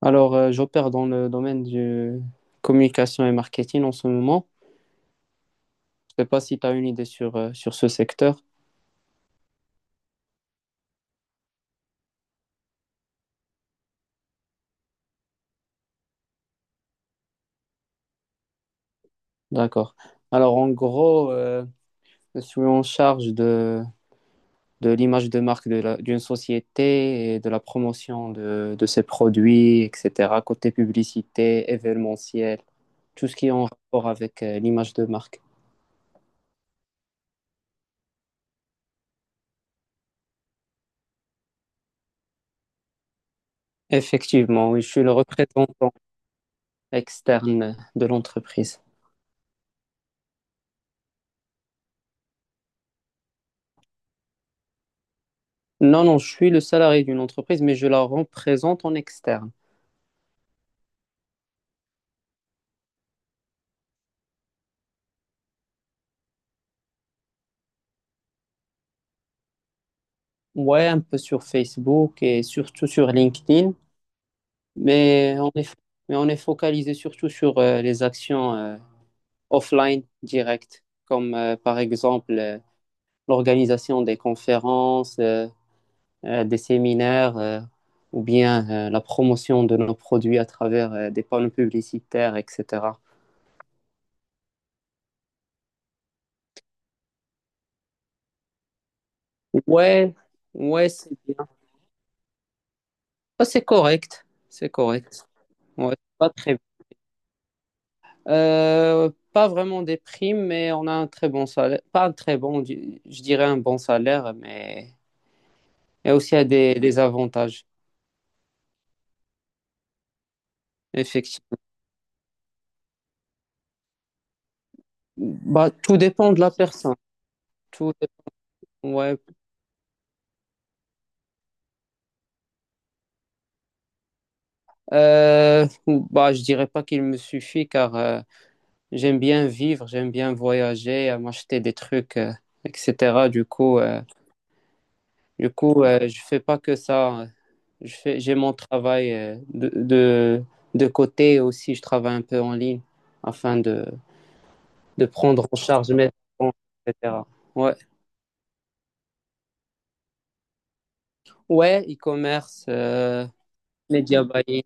J'opère dans le domaine du communication et marketing en ce moment. Je ne sais pas si tu as une idée sur ce secteur. D'accord. Alors, en gros, je suis en charge de l'image de marque d'une société et de la promotion de ses produits, etc. Côté publicité, événementiel, tout ce qui est en rapport avec l'image de marque. Effectivement, oui, je suis le représentant externe de l'entreprise. Non, non, je suis le salarié d'une entreprise, mais je la représente en externe. Ouais, un peu sur Facebook et surtout sur LinkedIn, mais on est, mais on est focalisé surtout sur les actions offline directes, comme par exemple l'organisation des conférences, des séminaires, ou bien la promotion de nos produits à travers des panneaux publicitaires, etc. Ouais, ouais, c'est bien. Ah, c'est correct, c'est correct. Ouais, c'est pas très Pas vraiment des primes, mais on a un très bon salaire. Pas un très bon, je dirais un bon salaire, mais il y a aussi des avantages, effectivement. Bah, tout dépend de la personne. Tout dé- ouais. Bah, je dirais pas qu'il me suffit car j'aime bien vivre, j'aime bien voyager, m'acheter des trucs, etc. Du coup, je fais pas que ça, hein. J'ai mon travail de côté et aussi, je travaille un peu en ligne afin de prendre en charge mes dépenses, etc. Ouais, ouais, e-commerce, media buying.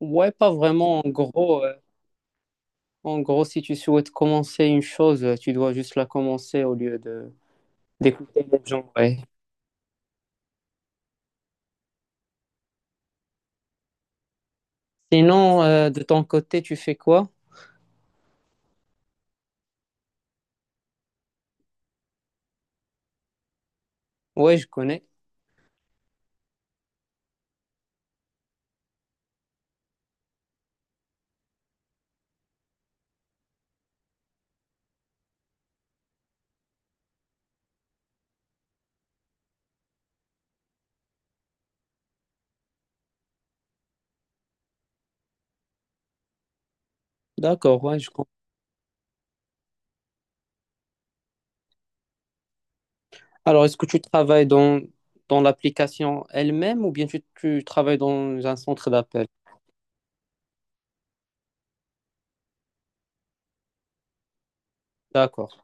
Ouais, pas vraiment. En gros, si tu souhaites commencer une chose, tu dois juste la commencer au lieu de d'écouter les gens. Ouais. Sinon, de ton côté, tu fais quoi? Ouais, je connais. D'accord, ouais, je connais. Alors, est-ce que tu travailles dans l'application elle-même ou bien tu travailles dans un centre d'appel? D'accord.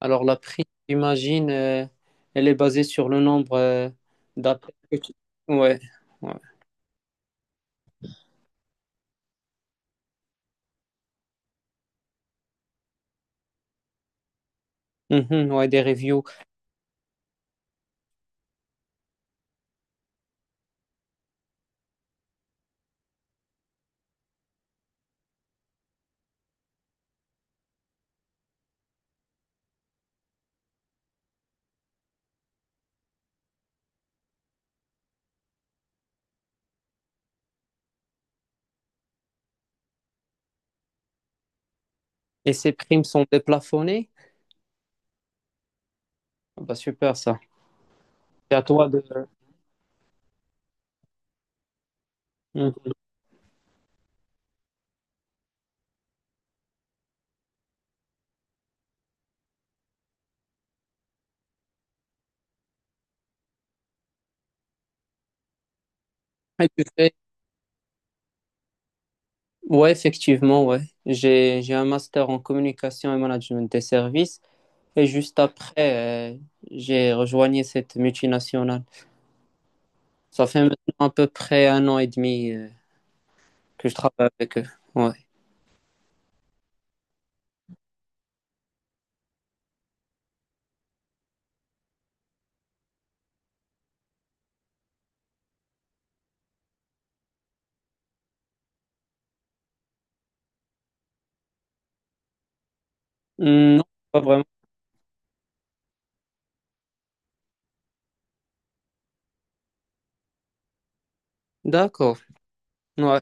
Alors, la prime, j'imagine, elle est basée sur le nombre d'appels que tu... Ouais. Ouais. Mhm, ouais, des reviews. Et ces primes sont déplafonnées? Ah bah, super, ça. C'est à toi de... Mhm. Et tu fais- Ouais, effectivement, ouais. J'ai un master en communication et management des services. Et juste après, j'ai rejoigné cette multinationale. Ça fait maintenant à peu près un an et demi que je travaille avec eux. Ouais. Non, pas vraiment. D'accord. Ouais.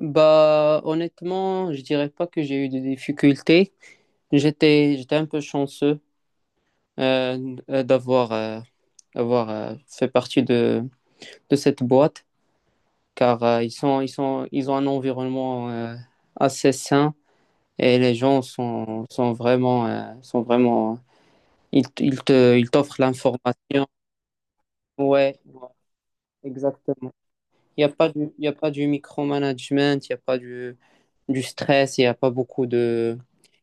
Bah, honnêtement, je dirais pas que j'ai eu des difficultés. J'étais un peu chanceux d'avoir fait partie de cette boîte, car ils ont un environnement assez sain et les gens sont vraiment, ils t'offrent l'information. Ouais, exactement. Il y a pas du micromanagement, il n'y a pas du stress, il n'y a pas beaucoup de...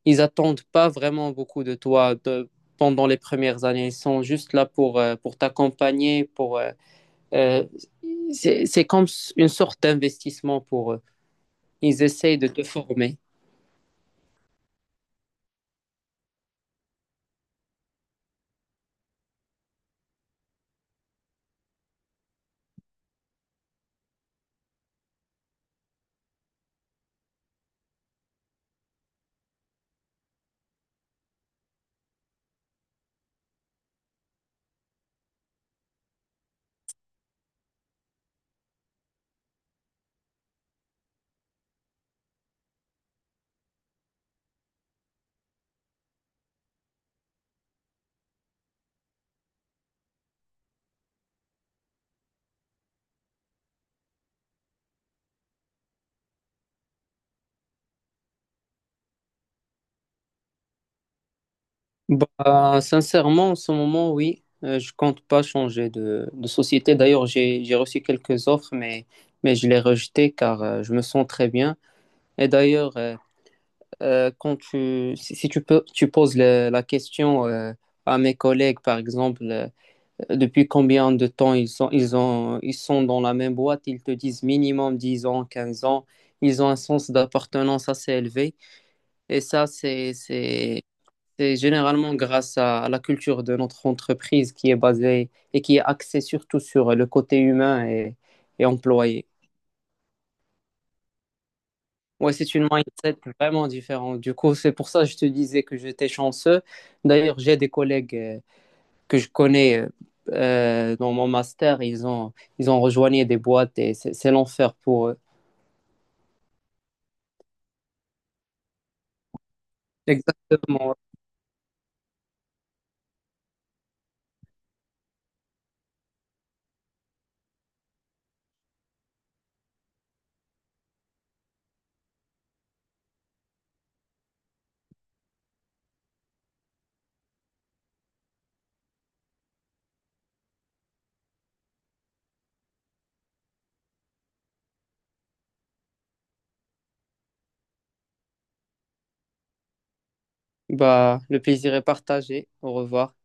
Ils attendent pas vraiment beaucoup de toi pendant les premières années. Ils sont juste là pour t'accompagner, pour... euh, c'est, c'est comme une sorte d'investissement pour eux. Ils essayent de te former. Bah, sincèrement, en ce moment, oui, je compte pas changer de société. D'ailleurs, j'ai reçu quelques offres, mais je les rejetées car je me sens très bien. Et d'ailleurs, quand si, si tu peux, tu poses la question à mes collègues, par exemple, depuis combien de temps ils sont dans la même boîte, ils te disent minimum 10 ans, 15 ans. Ils ont un sens d'appartenance assez élevé. Et ça, c'est généralement grâce à la culture de notre entreprise qui est basée et qui est axée surtout sur le côté humain et employé. Ouais, c'est une mindset vraiment différente. Du coup, c'est pour ça que je te disais que j'étais chanceux. D'ailleurs, j'ai des collègues que je connais dans mon master. Ils ont rejoigné des boîtes et c'est l'enfer pour eux. Exactement. Bah, le plaisir est partagé. Au revoir.